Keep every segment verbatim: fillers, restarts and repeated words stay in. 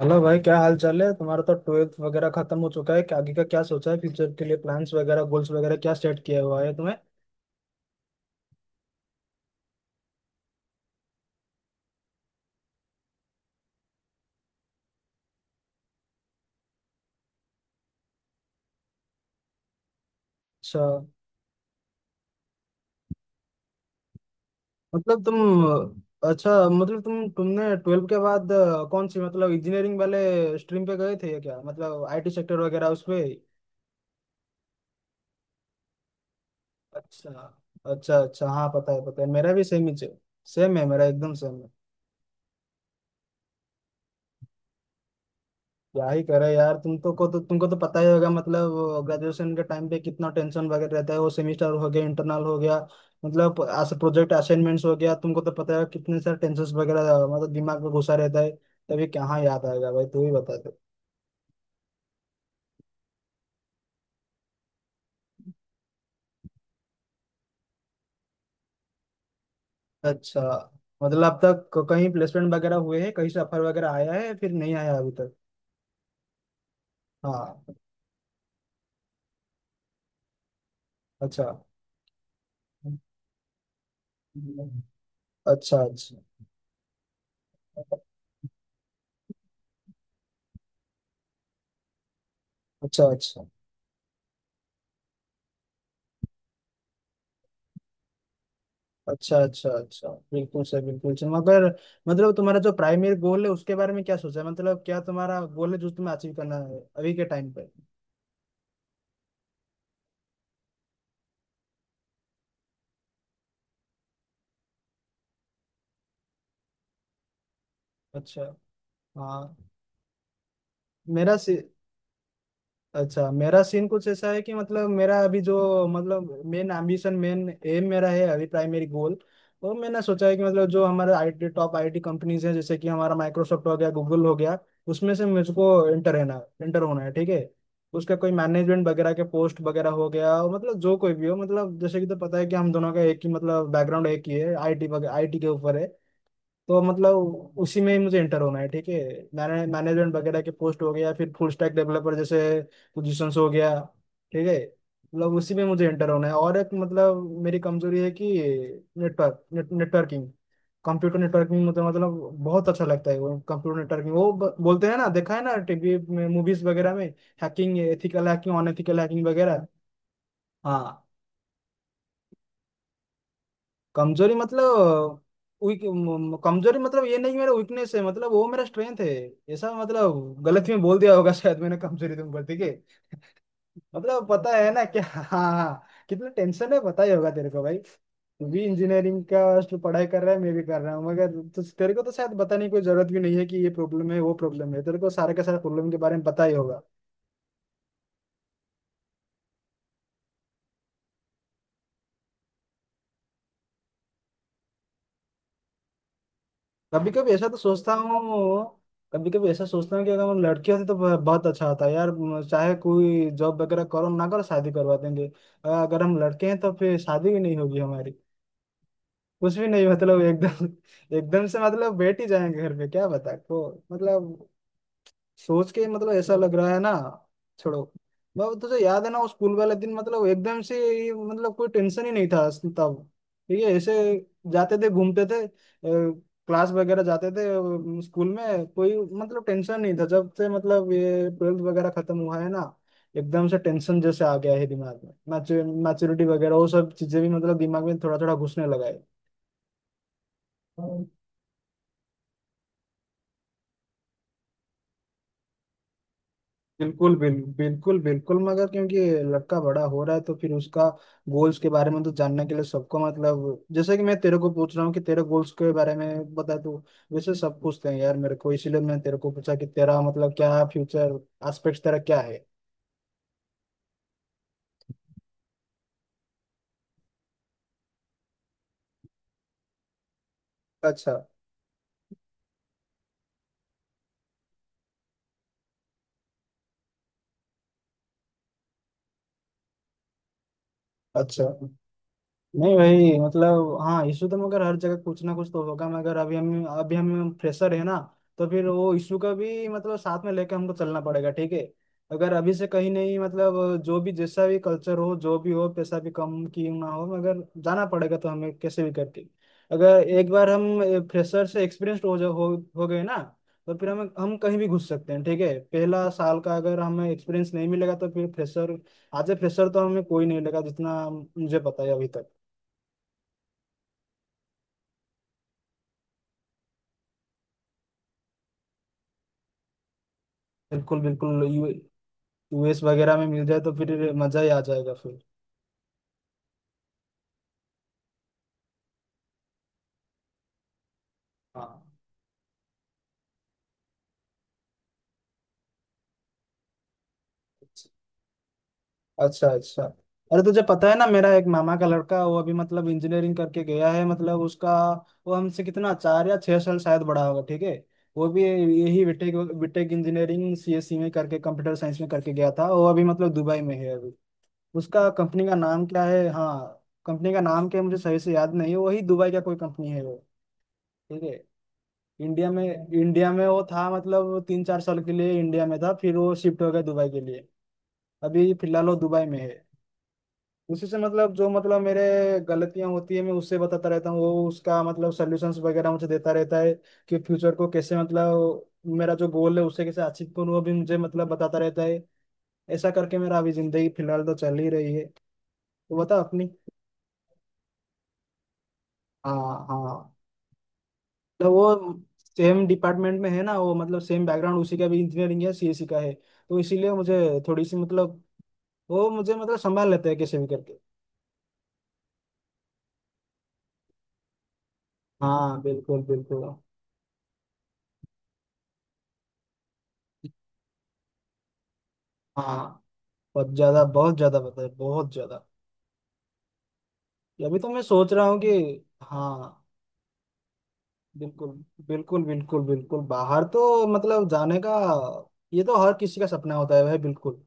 Hello भाई, क्या हाल चाल है? तुम्हारा तो ट्वेल्थ वगैरह खत्म हो चुका है क्या? आगे का क्या सोचा है? फ्यूचर के लिए प्लान्स वगैरह, गोल्स वगैरह क्या सेट किया हुआ है तुम्हें? अच्छा, मतलब तुम, अच्छा, मतलब तुम तुमने ट्वेल्थ के बाद अ, कौन सी, मतलब इंजीनियरिंग वाले स्ट्रीम पे गए थे या क्या, मतलब आईटी सेक्टर वगैरह उसपे। अच्छा, अच्छा, अच्छा। हाँ, पता है, पता है। मेरा भी सेम ही। सेम है मेरा, एकदम सेम। क्या ही करे यार, तुम तो को तो तुमको तो पता ही होगा, मतलब ग्रेजुएशन के टाइम पे कितना टेंशन वगैरह रहता है। वो सेमेस्टर हो गया, इंटरनल हो गया, मतलब प्रोजेक्ट असाइनमेंट्स हो गया। तुमको तो पता है कितने सारे टेंशन वगैरह मतलब दिमाग में घुसा रहता है। तभी कहाँ याद आएगा भाई, तू ही बता दे। अच्छा। मतलब अब तक क- कहीं प्लेसमेंट वगैरह हुए हैं? कहीं से ऑफर वगैरह आया है? फिर नहीं आया अभी तक? हाँ। अच्छा। अच्छा, अच्छा, अच्छा, अच्छा, अच्छा, अच्छा, अच्छा। बिल्कुल सर, बिल्कुल सर, मगर मतलब तुम्हारा जो प्राइमरी गोल है, उसके बारे में क्या सोचा है? मतलब क्या तुम्हारा गोल है जो तुम्हें अचीव करना है अभी के टाइम पे? अच्छा। हाँ। मेरा, अच्छा, मेरा सीन कुछ ऐसा है कि मतलब मेरा अभी जो, मतलब मेन एम्बिशन, मेन एम मेरा है अभी, प्राइमरी गोल। वो मैंने सोचा है कि मतलब जो हमारे आईटी, टॉप आईटी कंपनीज हैं, जैसे कि हमारा माइक्रोसॉफ्ट हो गया, गूगल हो गया, उसमें से मुझको एंटर है ना, एंटर होना है, ठीक है। उसका कोई मैनेजमेंट वगैरह के पोस्ट वगैरह हो गया, और मतलब जो कोई भी हो, मतलब जैसे कि तो पता है कि हम दोनों का एक ही, मतलब बैकग्राउंड एक ही है, आईटी, आईटी के ऊपर है। तो मतलब उसी में ही मुझे इंटर होना है, ठीक है। मैंने मैनेजमेंट वगैरह के पोस्ट हो गया, फिर फुल स्टैक डेवलपर जैसे पोजीशंस हो गया, ठीक है। मतलब उसी में मुझे इंटर होना है। और एक, मतलब मेरी कमजोरी है कि network net, networking, computer networking, मतलब मतलब बहुत अच्छा लगता है वो कंप्यूटर नेटवर्किंग। वो ब, बोलते हैं ना, देखा है ना टीवी में मूवीज वगैरह में, hacking, ethical hacking, unethical hacking वगैरह। हाँ। कमजोरी मतलब वीक। कमजोरी मतलब ये नहीं मेरा वीकनेस है, मतलब वो मेरा स्ट्रेंथ है। ऐसा, मतलब गलत में बोल दिया होगा शायद मैंने कमजोरी। तुम बोलती के मतलब पता है ना क्या। हाँ। हाँ कितना टेंशन है, पता ही होगा तेरे को भाई। तू भी इंजीनियरिंग का stu- पढ़ाई कर रहा है, मैं भी कर रहा हूँ, मगर तो तेरे को तो शायद बताने की कोई जरूरत भी नहीं है, कि ये प्रॉब्लम है, वो प्रॉब्लम है, तेरे को सारे के सारे प्रॉब्लम के बारे में पता ही होगा। कभी कभी ऐसा तो सोचता हूँ, कभी कभी ऐसा सोचता हूँ कि अगर मैं लड़की होती तो ब- बहुत अच्छा होता यार, म, चाहे कोई जॉब वगैरह करो ना करो, शादी करवा देंगे। अ, अगर हम लड़के हैं तो फिर शादी भी नहीं होगी हमारी, कुछ भी नहीं मतलब, एकदम। एकदम से मतलब बैठ ही जाएंगे घर पे, क्या बता को मतलब, सोच के मतलब ऐसा लग रहा है ना। छोड़ो। मतलब तुझे याद है ना वो स्कूल वाले दिन, मतलब एकदम से ये मतलब कोई टेंशन ही नहीं था अस- तब, ठीक है, ऐसे जाते थे, घूमते थे, क्लास वगैरह जाते थे। अ, स्कूल में कोई मतलब टेंशन नहीं था। जब से मतलब ये ट्वेल्थ वगैरह खत्म हुआ है ना, एकदम से टेंशन जैसे आ गया है दिमाग में। मैच्योरिटी वगैरह, वो सब चीजें भी मतलब दिमाग में थोड़ा थोड़ा घुसने लगा है। बिल्कुल बिल, बिल्कुल बिल्कुल, मगर क्योंकि लड़का बड़ा हो रहा है तो फिर उसका गोल्स के बारे में तो जानने के लिए सबको, मतलब जैसे कि मैं तेरे को पूछ रहा हूँ कि तेरे गोल्स के बारे में बता तू। वैसे सब पूछते हैं यार मेरे को, इसीलिए मैं तेरे को पूछा कि तेरा मतलब क्या फ्यूचर एस्पेक्ट तेरा क्या है। अच्छा, अच्छा। नहीं भाई मतलब, हाँ इशू तो, मगर हर जगह कुछ ना कुछ तो होगा, मगर अभी हम अभी हम फ्रेशर है ना। तो फिर वो इशू का भी मतलब साथ में लेके हमको चलना पड़ेगा, ठीक है। अगर अभी से कहीं नहीं, मतलब जो भी, जैसा भी कल्चर हो, जो भी हो, पैसा भी कम क्यों ना हो, मगर जाना पड़ेगा तो, हमें कैसे भी करके। अगर एक बार हम फ्रेशर से एक्सपीरियंस हो जा हो, हो गए ना, तो फिर हम हम कहीं भी घुस सकते हैं, ठीक है। पहला साल का अगर हमें एक्सपीरियंस नहीं मिलेगा तो फिर फ्रेशर, आज ए फ्रेशर तो हमें कोई नहीं लगा जितना मुझे पता है अभी तक। बिल्कुल बिल्कुल, यू यूएस वगैरह में मिल जाए तो फिर मजा ही आ जाएगा फिर। हाँ। अच्छा, अच्छा, अच्छा। अरे तुझे पता है ना, मेरा एक मामा का लड़का, वो अभी मतलब इंजीनियरिंग करके गया है, मतलब उसका, वो हमसे कितना चार या छह साल शायद बड़ा होगा, ठीक है। वो भी यही बीटेक, बीटेक इंजीनियरिंग सीएसई में करके, कंप्यूटर साइंस में करके गया था। वो अभी मतलब दुबई में है अभी। उसका कंपनी का नाम क्या है, हाँ कंपनी का नाम क्या है मुझे सही से याद नहीं है, वही दुबई का कोई कंपनी है वो, ठीक है। इंडिया में, इंडिया में वो था मतलब, तीन चार साल के लिए इंडिया में था, फिर वो शिफ्ट हो गया दुबई के लिए। अभी फिलहाल वो दुबई में है। उसी से मतलब जो मतलब मेरे गलतियां होती है, मैं उससे बताता रहता हूँ, वो उसका मतलब सोल्यूशंस वगैरह मुझे देता रहता है, कि फ्यूचर को कैसे, मतलब मेरा जो गोल है उससे कैसे अचीव करूँ, वो भी मुझे मतलब बताता रहता है। ऐसा करके मेरा अभी जिंदगी फिलहाल तो चल ही रही है। तो बता अपनी। हाँ, हाँ, मतलब वो सेम डिपार्टमेंट में है ना वो, मतलब सेम बैकग्राउंड, उसी का भी इंजीनियरिंग है, सीएससी का है, तो इसीलिए मुझे थोड़ी सी मतलब वो मुझे मतलब संभाल लेते हैं कैसे भी करके। हाँ बिल्कुल बिल्कुल। हाँ बहुत ज्यादा, बहुत ज्यादा बताए, बहुत ज्यादा। अभी तो मैं सोच रहा हूँ कि, हाँ, बिल्कुल बिल्कुल बिल्कुल बिल्कुल, बाहर तो मतलब जाने का। ये तो हर किसी का सपना होता है भाई, बिल्कुल।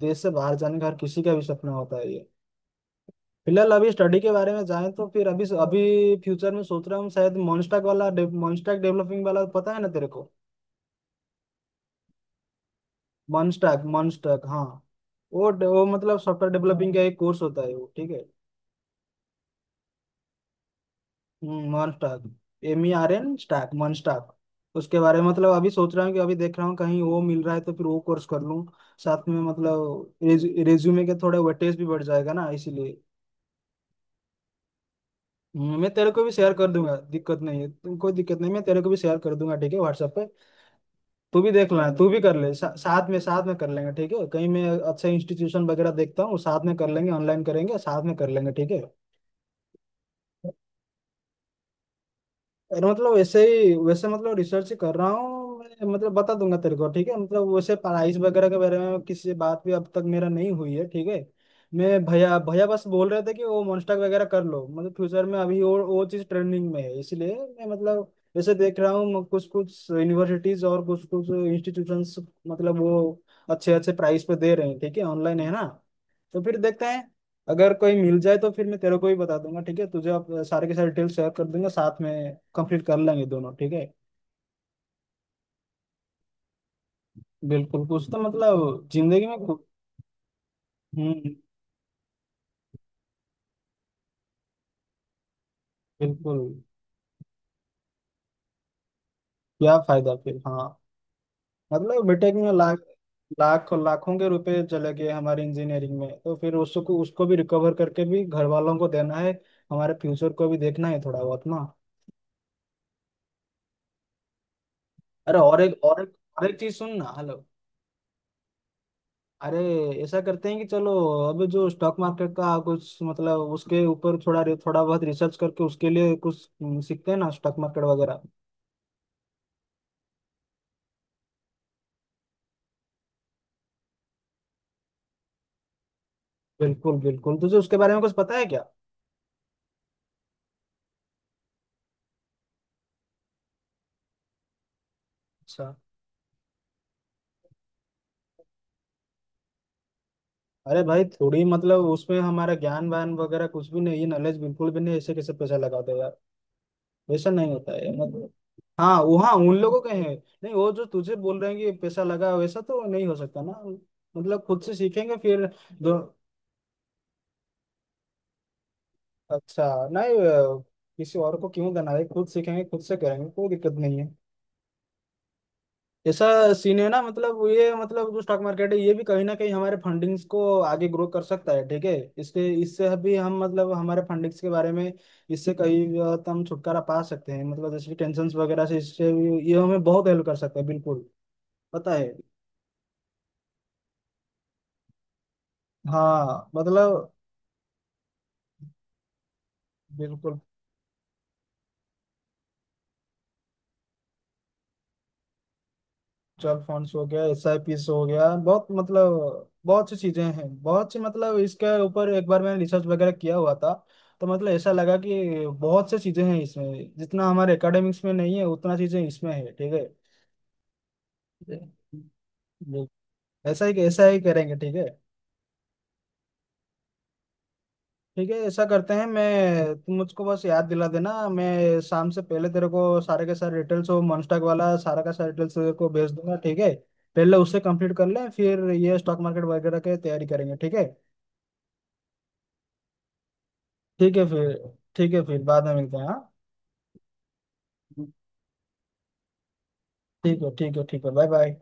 देश से बाहर जाने का हर किसी का भी सपना होता है ये। फिलहाल अभी स्टडी के बारे में जाएं तो फिर अभी अभी फ्यूचर में सोच रहा हूँ, शायद मॉन्स्टैक वाला, मॉन्स्टैक डेवलपिंग वाला, पता है ना तेरे को? मॉन्स्टैक, मॉन्स्टैक, हाँ। वो वो मतलब सॉफ्टवेयर डेवलपिंग का एक कोर्स होता है वो, ठीक है। Mern stack, M E R N stack, mern stack. उसके बारे में मतलब अभी सोच रहा हूँ कि, अभी देख रहा हूँ कहीं वो मिल रहा है तो फिर वो कोर्स कर लूँ। साथ में मतलब रेज, रेज्यूमे के थोड़ा वेटेज भी बढ़ जाएगा ना, इसीलिए। हम्म, मैं तेरे को भी शेयर कर दूंगा, दिक्कत नहीं है। तुम- कोई दिक्कत नहीं, मैं तेरे को भी शेयर कर दूंगा, ठीक है, व्हाट्सएप पे। तू भी देख लेना, तू भी कर ले सा, साथ में, साथ में कर लेंगे, ठीक है। कहीं मैं अच्छा इंस्टीट्यूशन वगैरह देखता हूँ, साथ में कर लेंगे, ऑनलाइन करेंगे, साथ में कर लेंगे, ठीक है। अरे मतलब वैसे ही, वैसे मतलब रिसर्च कर रहा हूँ मैं, मतलब बता दूंगा तेरे को, ठीक है। मतलब वैसे पढ़ाई वगैरह के बारे में किसी से बात भी अब तक मेरा नहीं हुई है, ठीक है। मैं भैया, भैया बस बोल रहे थे कि वो मोन्स्टाक वगैरह कर लो, मतलब फ्यूचर में अभी वो वो चीज़ ट्रेंडिंग में है, इसलिए मैं मतलब वैसे देख रहा हूँ कुछ कुछ यूनिवर्सिटीज और कुछ कुछ इंस्टीट्यूशंस, मतलब वो अच्छे अच्छे प्राइस पे दे रहे हैं, ठीक है। ऑनलाइन है ना, तो फिर देखते हैं। अगर कोई मिल जाए तो फिर मैं तेरे को भी बता दूंगा, ठीक है। तुझे आप सारे के सारे डिटेल्स शेयर कर दूंगा, साथ में कंप्लीट कर लेंगे दोनों, ठीक है। बिल्कुल, कुछ तो मतलब जिंदगी में कु- हम्म, बिल्कुल, क्या फायदा फिर, हाँ। मतलब बीटेक में लाख, लाख लाखों के रुपए चले गए हमारे इंजीनियरिंग में, तो फिर उसको उसको भी रिकवर करके भी घर वालों को देना है, हमारे फ्यूचर को भी देखना है थोड़ा बहुत ना। अरे और एक, और एक और एक चीज सुन ना, हेलो। अरे ऐसा करते हैं कि चलो, अभी जो स्टॉक मार्केट का कुछ, मतलब उसके ऊपर थोड़ा थोड़ा बहुत रिसर्च करके उसके लिए कुछ हम्म, सीखते हैं ना, स्टॉक मार्केट वगैरह। बिल्कुल बिल्कुल, तुझे उसके बारे में कुछ पता है क्या? अच्छा। अरे भाई थोड़ी मतलब उसमें हमारा ज्ञान वान वगैरह कुछ भी नहीं है, नॉलेज बिल्कुल भी नहीं, ऐसे कैसे पैसा लगा दो यार, वैसा नहीं होता है मतलब। हाँ वो, हाँ उन लोगों के हैं। नहीं वो जो तुझे बोल रहे हैं कि पैसा लगा, वैसा तो नहीं हो सकता ना, मतलब खुद से सीखेंगे फिर। दो, अच्छा। नहीं अ, किसी और को क्यों देना है, खुद सीखेंगे, खुद से करेंगे, कोई दिक्कत नहीं है। ऐसा सीन है ना, मतलब ये मतलब जो स्टॉक मार्केट है, ये भी कहीं ना कहीं हमारे फंडिंग्स को आगे ग्रो कर सकता है, ठीक है। इसके, इससे भी हम, मतलब हमारे फंडिंग्स के बारे में इससे कहीं बहुत हम छुटकारा पा सकते हैं, मतलब जैसे कि टेंशन वगैरह से इससे भी ये हमें बहुत हेल्प कर सकता है, बिल्कुल। पता है। हाँ मतलब बिल्कुल, ट्वेल्व फंड्स हो गया, एस आई पीस हो गया, बहुत मतलब बहुत सी चीजें हैं बहुत सी, मतलब इसके ऊपर एक बार मैंने रिसर्च वगैरह किया हुआ था। तो मतलब ऐसा लगा कि बहुत सी चीजें हैं इसमें, जितना हमारे एकेडमिक्स में नहीं है उतना चीजें इसमें है, ठीक है। बिल्कुल। ऐसा ही, ऐसा ही करेंगे, ठीक है। ठीक है, ऐसा करते हैं, मैं, तुम मुझको बस याद दिला देना, मैं शाम से पहले तेरे को सारे के सारे डिटेल्स, वो मनस्टॉक वाला सारा का सारा डिटेल्स तेरे को भेज दूंगा, ठीक है। पहले उससे कंप्लीट कर लें फिर ये स्टॉक मार्केट वगैरह की तैयारी करेंगे, ठीक है। ठीक है फिर, ठीक है फिर बाद में मिलते हैं, हाँ। ठीक है, ठीक है, ठीक है, बाय बाय।